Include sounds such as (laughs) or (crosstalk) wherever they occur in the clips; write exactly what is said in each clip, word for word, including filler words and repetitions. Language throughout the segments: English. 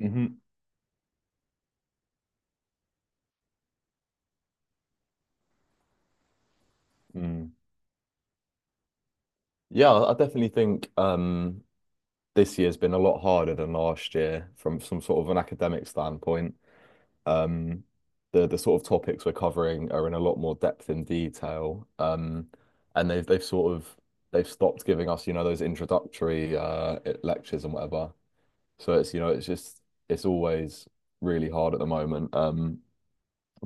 Hmm. Mm. Yeah, I definitely think um, this year's been a lot harder than last year from some sort of an academic standpoint. Um, the the sort of topics we're covering are in a lot more depth and detail. Um, and they've they've sort of they've stopped giving us, you know, those introductory uh, lectures and whatever. So it's you know it's just it's always really hard at the moment. Um,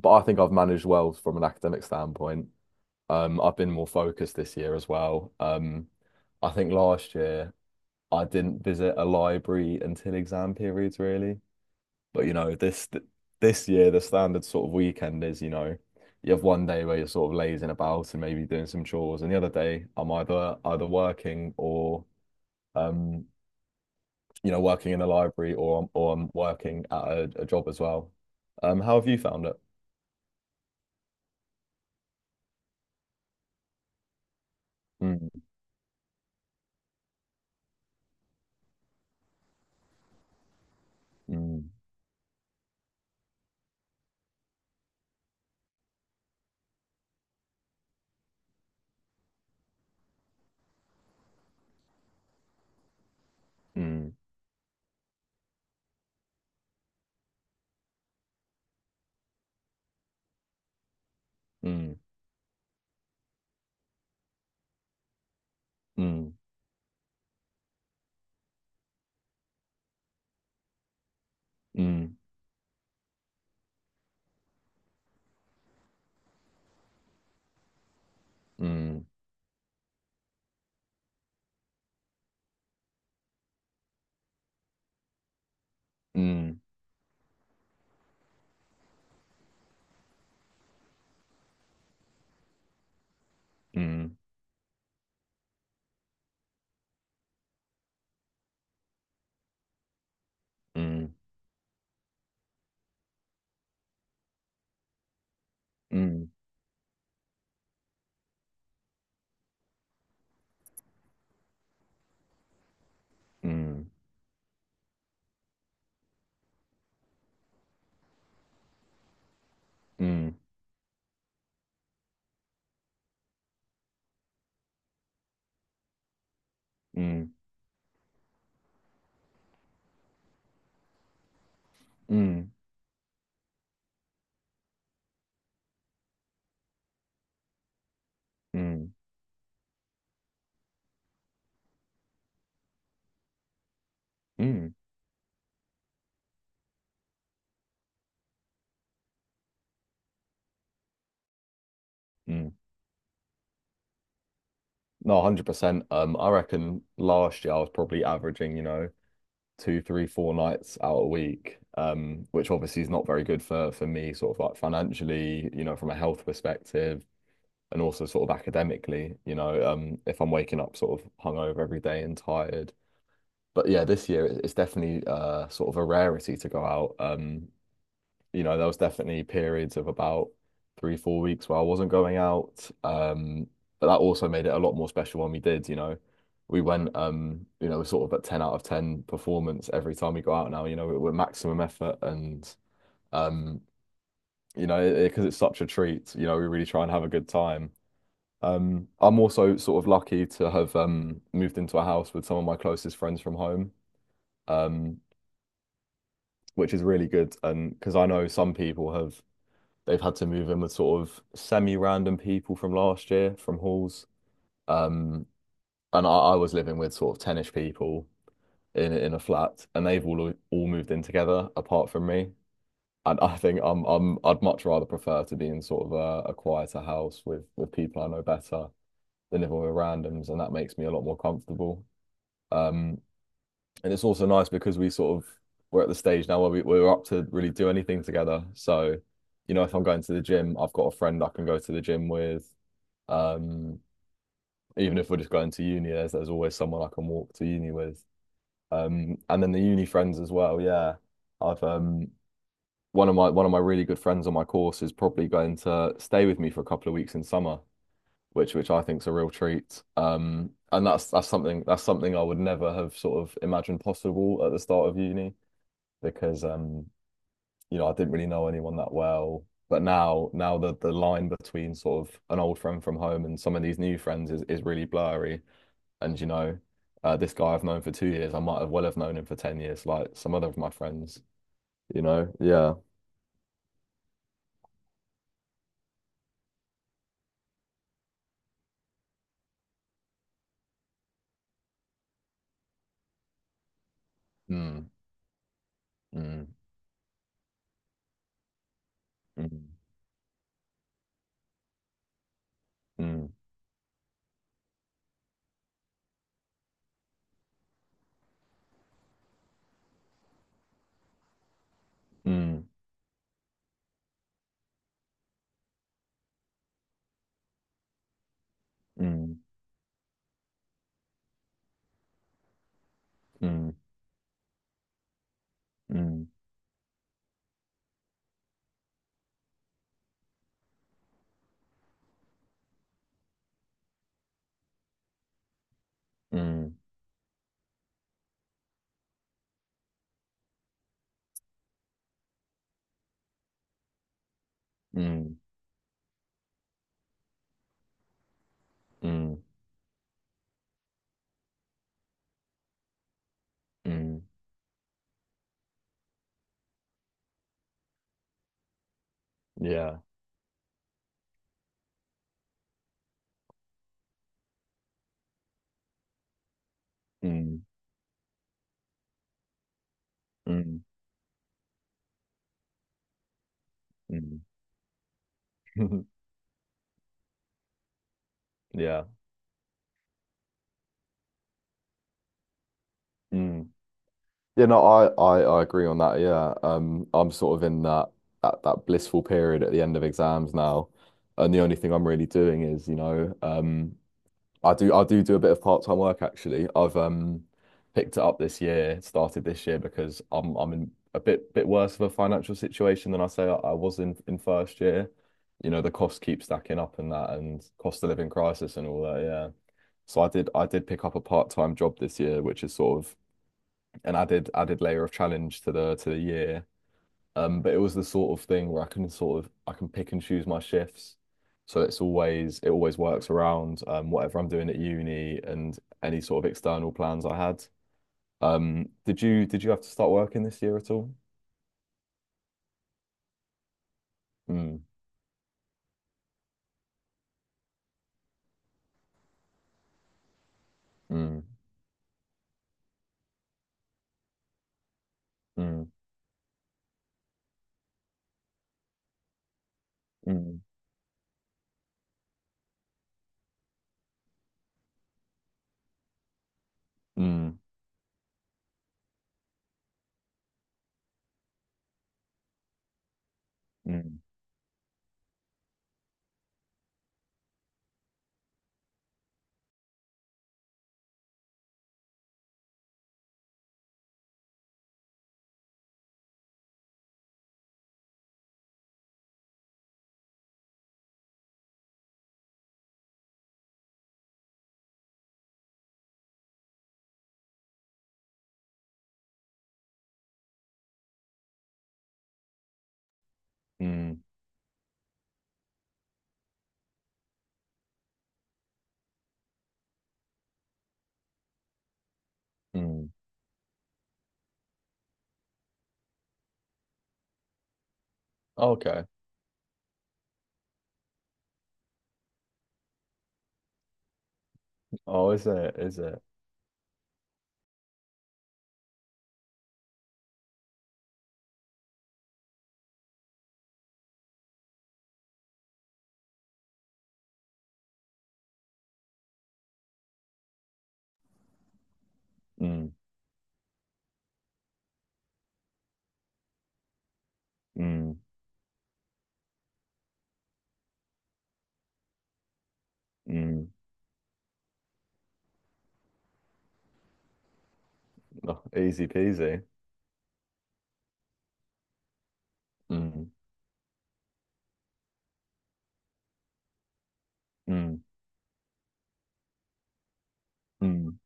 But I think I've managed well from an academic standpoint. Um, I've been more focused this year as well. Um, I think last year I didn't visit a library until exam periods, really. But you know, this th- this year the standard sort of weekend is, you know, you have one day where you're sort of lazing about and maybe doing some chores, and the other day I'm either either working or um, you know, working in a library, or I'm, or I'm working at a, a job as well. Um, how have you found it? Mm, mm, mm, mm, mm, mm, mm, mm. 嗯嗯嗯嗯mm, mm, mm, mm, mm, mm. Mm, mm, mm, mm. No, a hundred percent. Um, I reckon last year I was probably averaging, you know, two, three, four nights out a week, um, which obviously is not very good for for me, sort of like financially, you know, from a health perspective, and also sort of academically, you know, um, if I'm waking up sort of hungover every day and tired. But yeah, this year it- it's definitely uh sort of a rarity to go out. Um, you know, there was definitely periods of about three, four weeks where I wasn't going out. Um, but that also made it a lot more special when we did, you know. We went, um, you know, sort of at ten out of ten performance every time we go out now, you know, we're maximum effort and, um, you know, because it's such a treat, you know, we really try and have a good time. Um, I'm also sort of lucky to have um, moved into a house with some of my closest friends from home, um, which is really good. And because I know some people have they've had to move in with sort of semi-random people from last year from halls. Um, and I, I was living with sort of ten-ish-ish people in in a flat, and they've all all moved in together apart from me. And I think I'm I'm I'd much rather prefer to be in sort of a, a quieter house with with people I know better than if we were randoms, and that makes me a lot more comfortable. Um, and it's also nice because we sort of we're at the stage now where we, we're up to really do anything together. So, you know, if I'm going to the gym, I've got a friend I can go to the gym with. Um, Even if we're just going to uni, there's, there's always someone I can walk to uni with. Um, and then the uni friends as well. Yeah, I've um one of my one of my really good friends on my course is probably going to stay with me for a couple of weeks in summer, which which I think's a real treat. Um, and that's that's something that's something I would never have sort of imagined possible at the start of uni because um, you know, I didn't really know anyone that well. But now, now the the line between sort of an old friend from home and some of these new friends is is really blurry. And you know, uh, this guy I've known for two years, I might have well have known him for ten years, like some other of my friends. You know, yeah. Mm, mm, mm, mm, mm, mm, mm, mm, mm, mm, mm, mm, yeah. Mm, mm, mm. (laughs) Yeah. Mm. Yeah, no, I, I, I agree on that. Yeah, um, I'm sort of in that, that that blissful period at the end of exams now, and the only thing I'm really doing is, you know, um, I do I do do a bit of part-time work actually. I've um picked it up this year, started this year because I'm I'm in a bit bit worse of a financial situation than I say I, I was in in first year. You know, the costs keep stacking up and that, and cost of living crisis and all that. Yeah, so I did I did pick up a part-time job this year, which is sort of and added added layer of challenge to the to the year. Um, but it was the sort of thing where I can sort of I can pick and choose my shifts, so it's always it always works around um, whatever I'm doing at uni and any sort of external plans I had. Um, did you did you have to start working this year at all? Mm, mm, mm, mm, mm, mm, mm, mm. Okay. Oh, is it? Is it? Mm, mm, mm. Oh, easy peasy. Mm, mm, mm.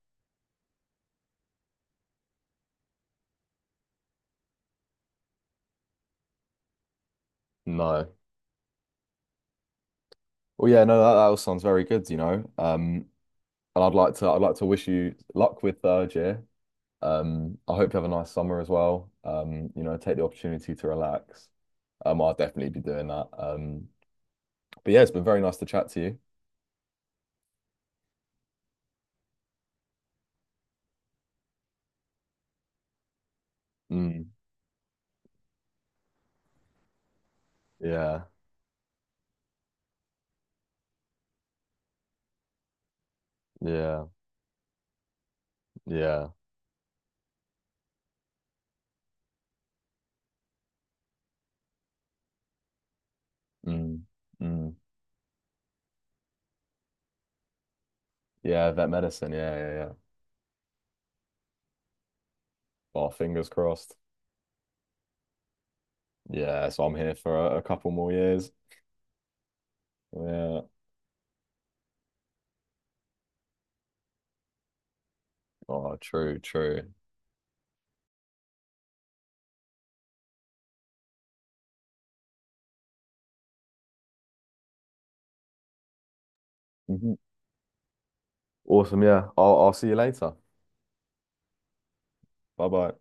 No. Well, yeah, no, that, that all sounds very good, you know. Um, and I'd like to, I'd like to wish you luck with third year. Um, I hope you have a nice summer as well. Um, you know, take the opportunity to relax. Um, I'll definitely be doing that. Um, but yeah, it's been very nice to chat to you. Mm, yeah, yeah, yeah. Mm, mm. Yeah, vet medicine. Yeah, yeah, yeah. Oh, fingers crossed. Yeah, so I'm here for a, a couple more years. Yeah. Oh, true, true. Mhm. Awesome. Yeah, I'll, I'll see you later. Bye bye.